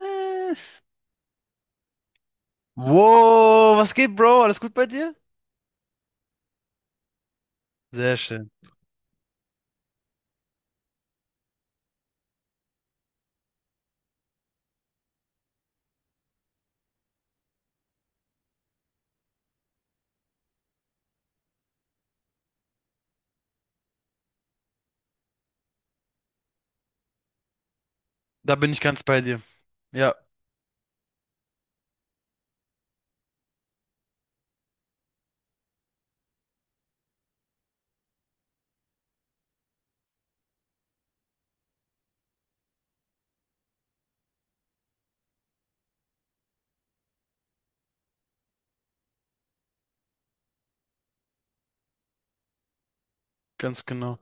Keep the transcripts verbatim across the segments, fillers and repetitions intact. Äh, Wow, was geht, Bro? Alles gut bei dir? Sehr schön. Da bin ich ganz bei dir. Ja, ganz genau.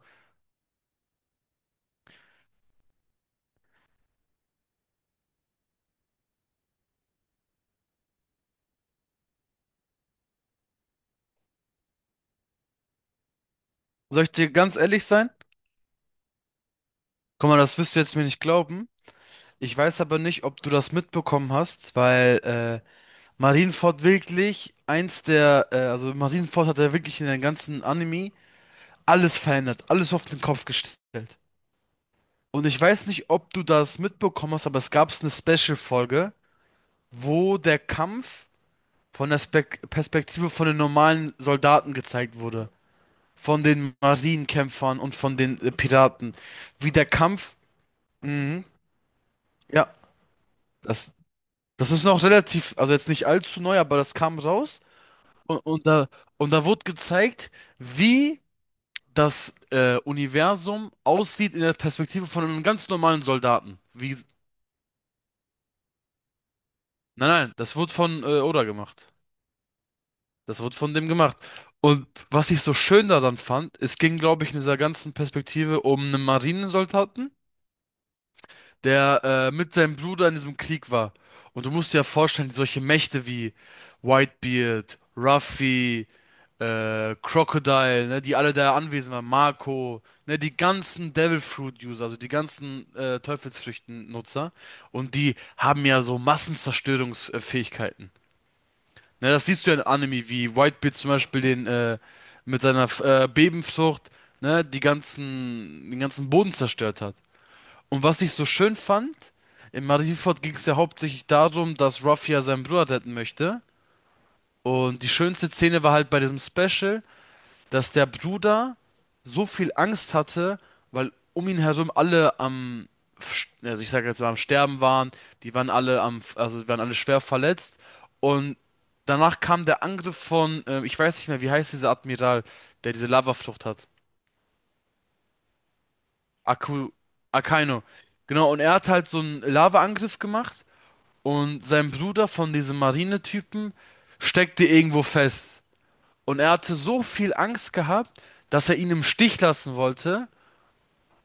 Soll ich dir ganz ehrlich sein? Guck mal, das wirst du jetzt mir nicht glauben. Ich weiß aber nicht, ob du das mitbekommen hast, weil äh, Marineford wirklich eins der, äh, also Marineford hat ja wirklich in den ganzen Anime alles verändert, alles auf den Kopf gestellt. Und ich weiß nicht, ob du das mitbekommen hast, aber es gab eine Special-Folge, wo der Kampf von der Spek Perspektive von den normalen Soldaten gezeigt wurde. Von den Marienkämpfern und von den äh, Piraten. Wie der Kampf. Mhm. Ja, das, das ist noch relativ, also jetzt nicht allzu neu, aber das kam raus. Und, und da, und da wurde gezeigt, wie das äh, Universum aussieht in der Perspektive von einem ganz normalen Soldaten. Wie, nein, nein, das wurde von äh, Oda gemacht. Das wird von dem gemacht. Und was ich so schön daran fand, es ging, glaube ich, in dieser ganzen Perspektive um einen Marinesoldaten, der äh, mit seinem Bruder in diesem Krieg war. Und du musst dir ja vorstellen, solche Mächte wie Whitebeard, Ruffy, äh, Crocodile, ne, die alle da anwesend waren, Marco, ne, die ganzen Devil Fruit User, also die ganzen äh, Teufelsfrüchten-Nutzer. Und die haben ja so Massenzerstörungsfähigkeiten. Ja, das siehst du ja in Anime, wie Whitebeard zum Beispiel den, äh, mit seiner äh, Bebenfrucht, ne, die ganzen, den ganzen Boden zerstört hat. Und was ich so schön fand, in Marineford ging es ja hauptsächlich darum, dass Ruffy ja seinen Bruder retten möchte. Und die schönste Szene war halt bei diesem Special, dass der Bruder so viel Angst hatte, weil um ihn herum alle am, also ich sage jetzt mal am Sterben waren, die waren alle am, also die waren alle schwer verletzt und danach kam der Angriff von, äh, ich weiß nicht mehr, wie heißt dieser Admiral, der diese Lavaflucht hat. Aku, Akaino. Genau, und er hat halt so einen Lavaangriff gemacht und sein Bruder von diesem Marinetypen steckte irgendwo fest. Und er hatte so viel Angst gehabt, dass er ihn im Stich lassen wollte.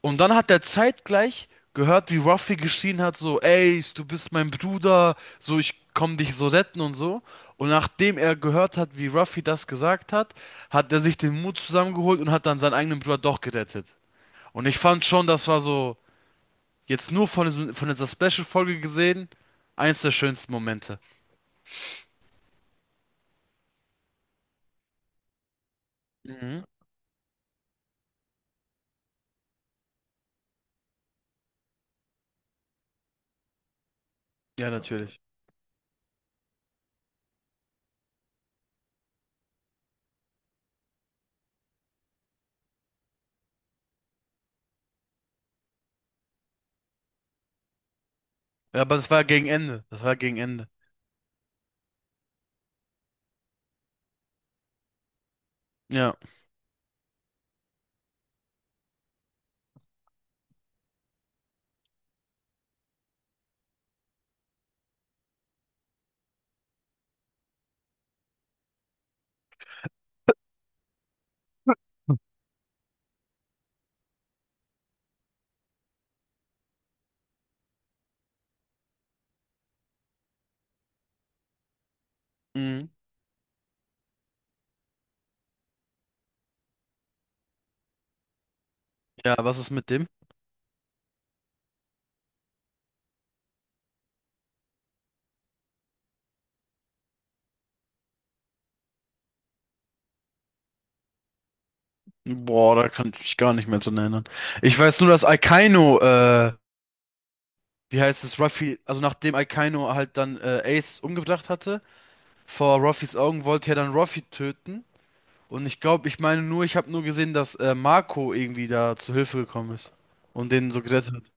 Und dann hat er zeitgleich gehört, wie Ruffy geschrien hat, so, Ace, du bist mein Bruder, so, ich komm dich so retten und so. Und nachdem er gehört hat, wie Ruffy das gesagt hat, hat er sich den Mut zusammengeholt und hat dann seinen eigenen Bruder doch gerettet. Und ich fand schon, das war so, jetzt nur von, diesem- von dieser Special-Folge gesehen, eins der schönsten Momente. Mhm. Ja, natürlich. Ja, aber das war gegen Ende. Das war gegen Ende. Ja. Mhm. Ja, was ist mit dem? Boah, da kann ich mich gar nicht mehr dran erinnern. Ich weiß nur, dass Akainu, äh, wie heißt es, Ruffy, also nachdem Akainu halt dann äh, Ace umgebracht hatte, vor Ruffys Augen wollte er dann Ruffy töten. Und ich glaube, ich meine nur, ich habe nur gesehen, dass äh, Marco irgendwie da zu Hilfe gekommen ist und den so gerettet hat.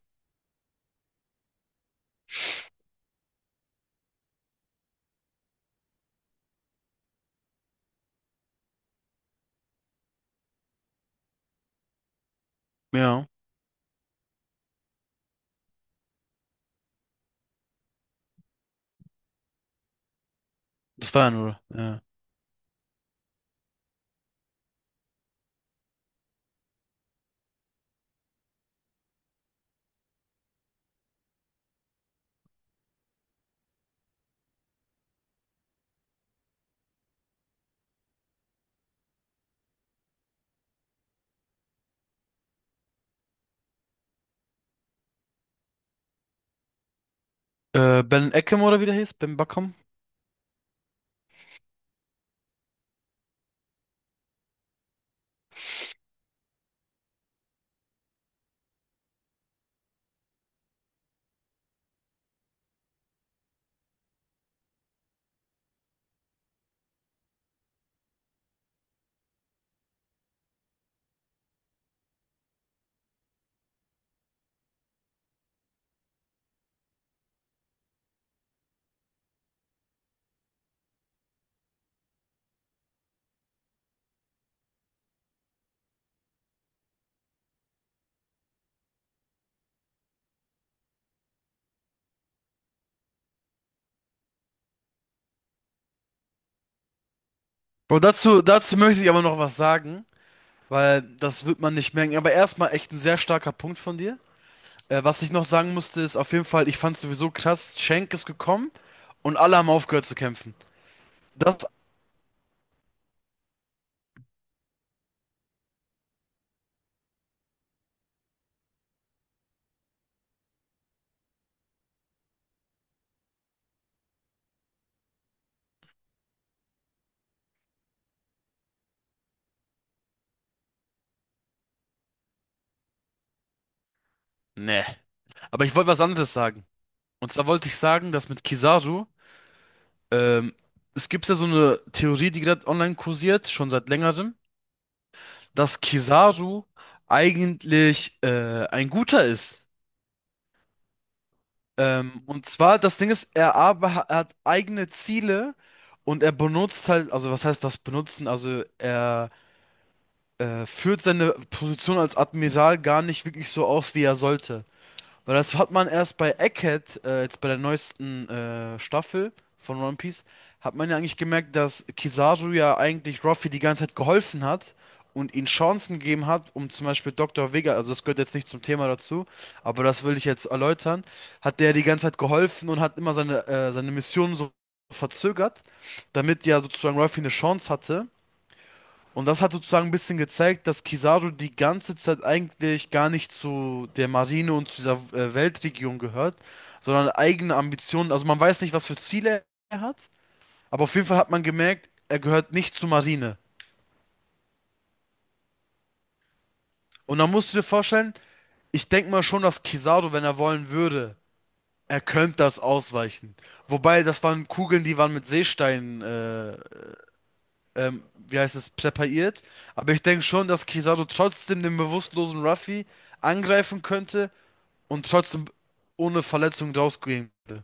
Ja, das war er nur. Ja. Äh, Ben Ekem oder wie der hieß? Ben Bakum? Bro, dazu, dazu möchte ich aber noch was sagen, weil das wird man nicht merken. Aber erstmal echt ein sehr starker Punkt von dir. Äh, was ich noch sagen musste, ist auf jeden Fall, ich fand sowieso krass, Shank ist gekommen und alle haben aufgehört zu kämpfen. Das, ne. Aber ich wollte was anderes sagen. Und zwar wollte ich sagen, dass mit Kizaru, ähm, es gibt ja so eine Theorie, die gerade online kursiert, schon seit längerem, dass Kizaru eigentlich äh, ein Guter ist. Ähm, und zwar, das Ding ist, er, aber, er hat eigene Ziele und er benutzt halt, also was heißt was benutzen? Also er äh, führt seine Position als Admiral gar nicht wirklich so aus, wie er sollte. Weil das hat man erst bei Egghead, äh, jetzt bei der neuesten äh, Staffel von One Piece, hat man ja eigentlich gemerkt, dass Kizaru ja eigentlich Ruffy die ganze Zeit geholfen hat und ihm Chancen gegeben hat, um zum Beispiel Doktor Vega, also das gehört jetzt nicht zum Thema dazu, aber das will ich jetzt erläutern, hat der die ganze Zeit geholfen und hat immer seine, äh, seine Mission so verzögert, damit ja sozusagen Ruffy eine Chance hatte. Und das hat sozusagen ein bisschen gezeigt, dass Kizaru die ganze Zeit eigentlich gar nicht zu der Marine und zu dieser äh, Weltregion gehört, sondern eigene Ambitionen. Also man weiß nicht, was für Ziele er hat, aber auf jeden Fall hat man gemerkt, er gehört nicht zur Marine. Und dann musst du dir vorstellen, ich denke mal schon, dass Kizaru, wenn er wollen würde, er könnte das ausweichen. Wobei, das waren Kugeln, die waren mit Seesteinen äh, ähm, wie heißt es, präpariert. Aber ich denke schon, dass Kizaru trotzdem den bewusstlosen Ruffy angreifen könnte und trotzdem ohne Verletzung rausgehen könnte.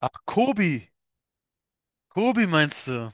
Ach, Kobi, Kobi meinst du?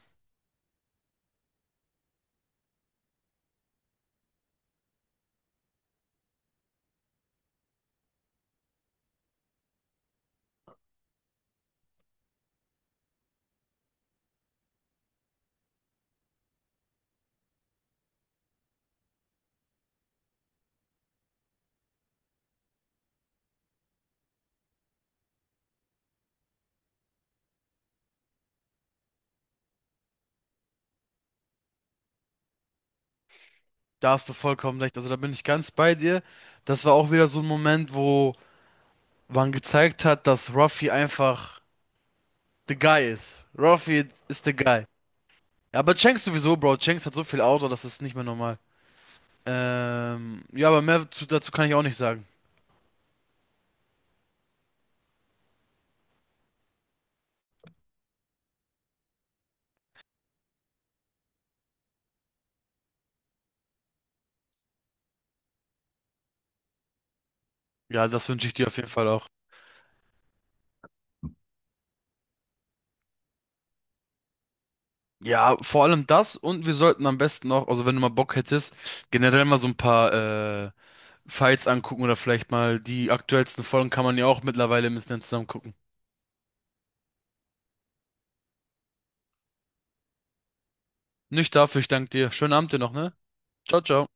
Da hast du vollkommen recht. Also da bin ich ganz bei dir. Das war auch wieder so ein Moment, wo man gezeigt hat, dass Ruffy einfach the guy ist. Ruffy ist the guy. Ja, aber Shanks sowieso, Bro. Shanks hat so viel Auto, das ist nicht mehr normal. Ähm, ja, aber mehr zu, dazu kann ich auch nicht sagen. Ja, das wünsche ich dir auf jeden Fall auch. Ja, vor allem das und wir sollten am besten noch, also wenn du mal Bock hättest, generell mal so ein paar äh, Fights angucken oder vielleicht mal die aktuellsten Folgen kann man ja auch mittlerweile im Internet zusammen gucken. Nicht dafür, ich danke dir. Schönen Abend dir noch, ne? Ciao, ciao.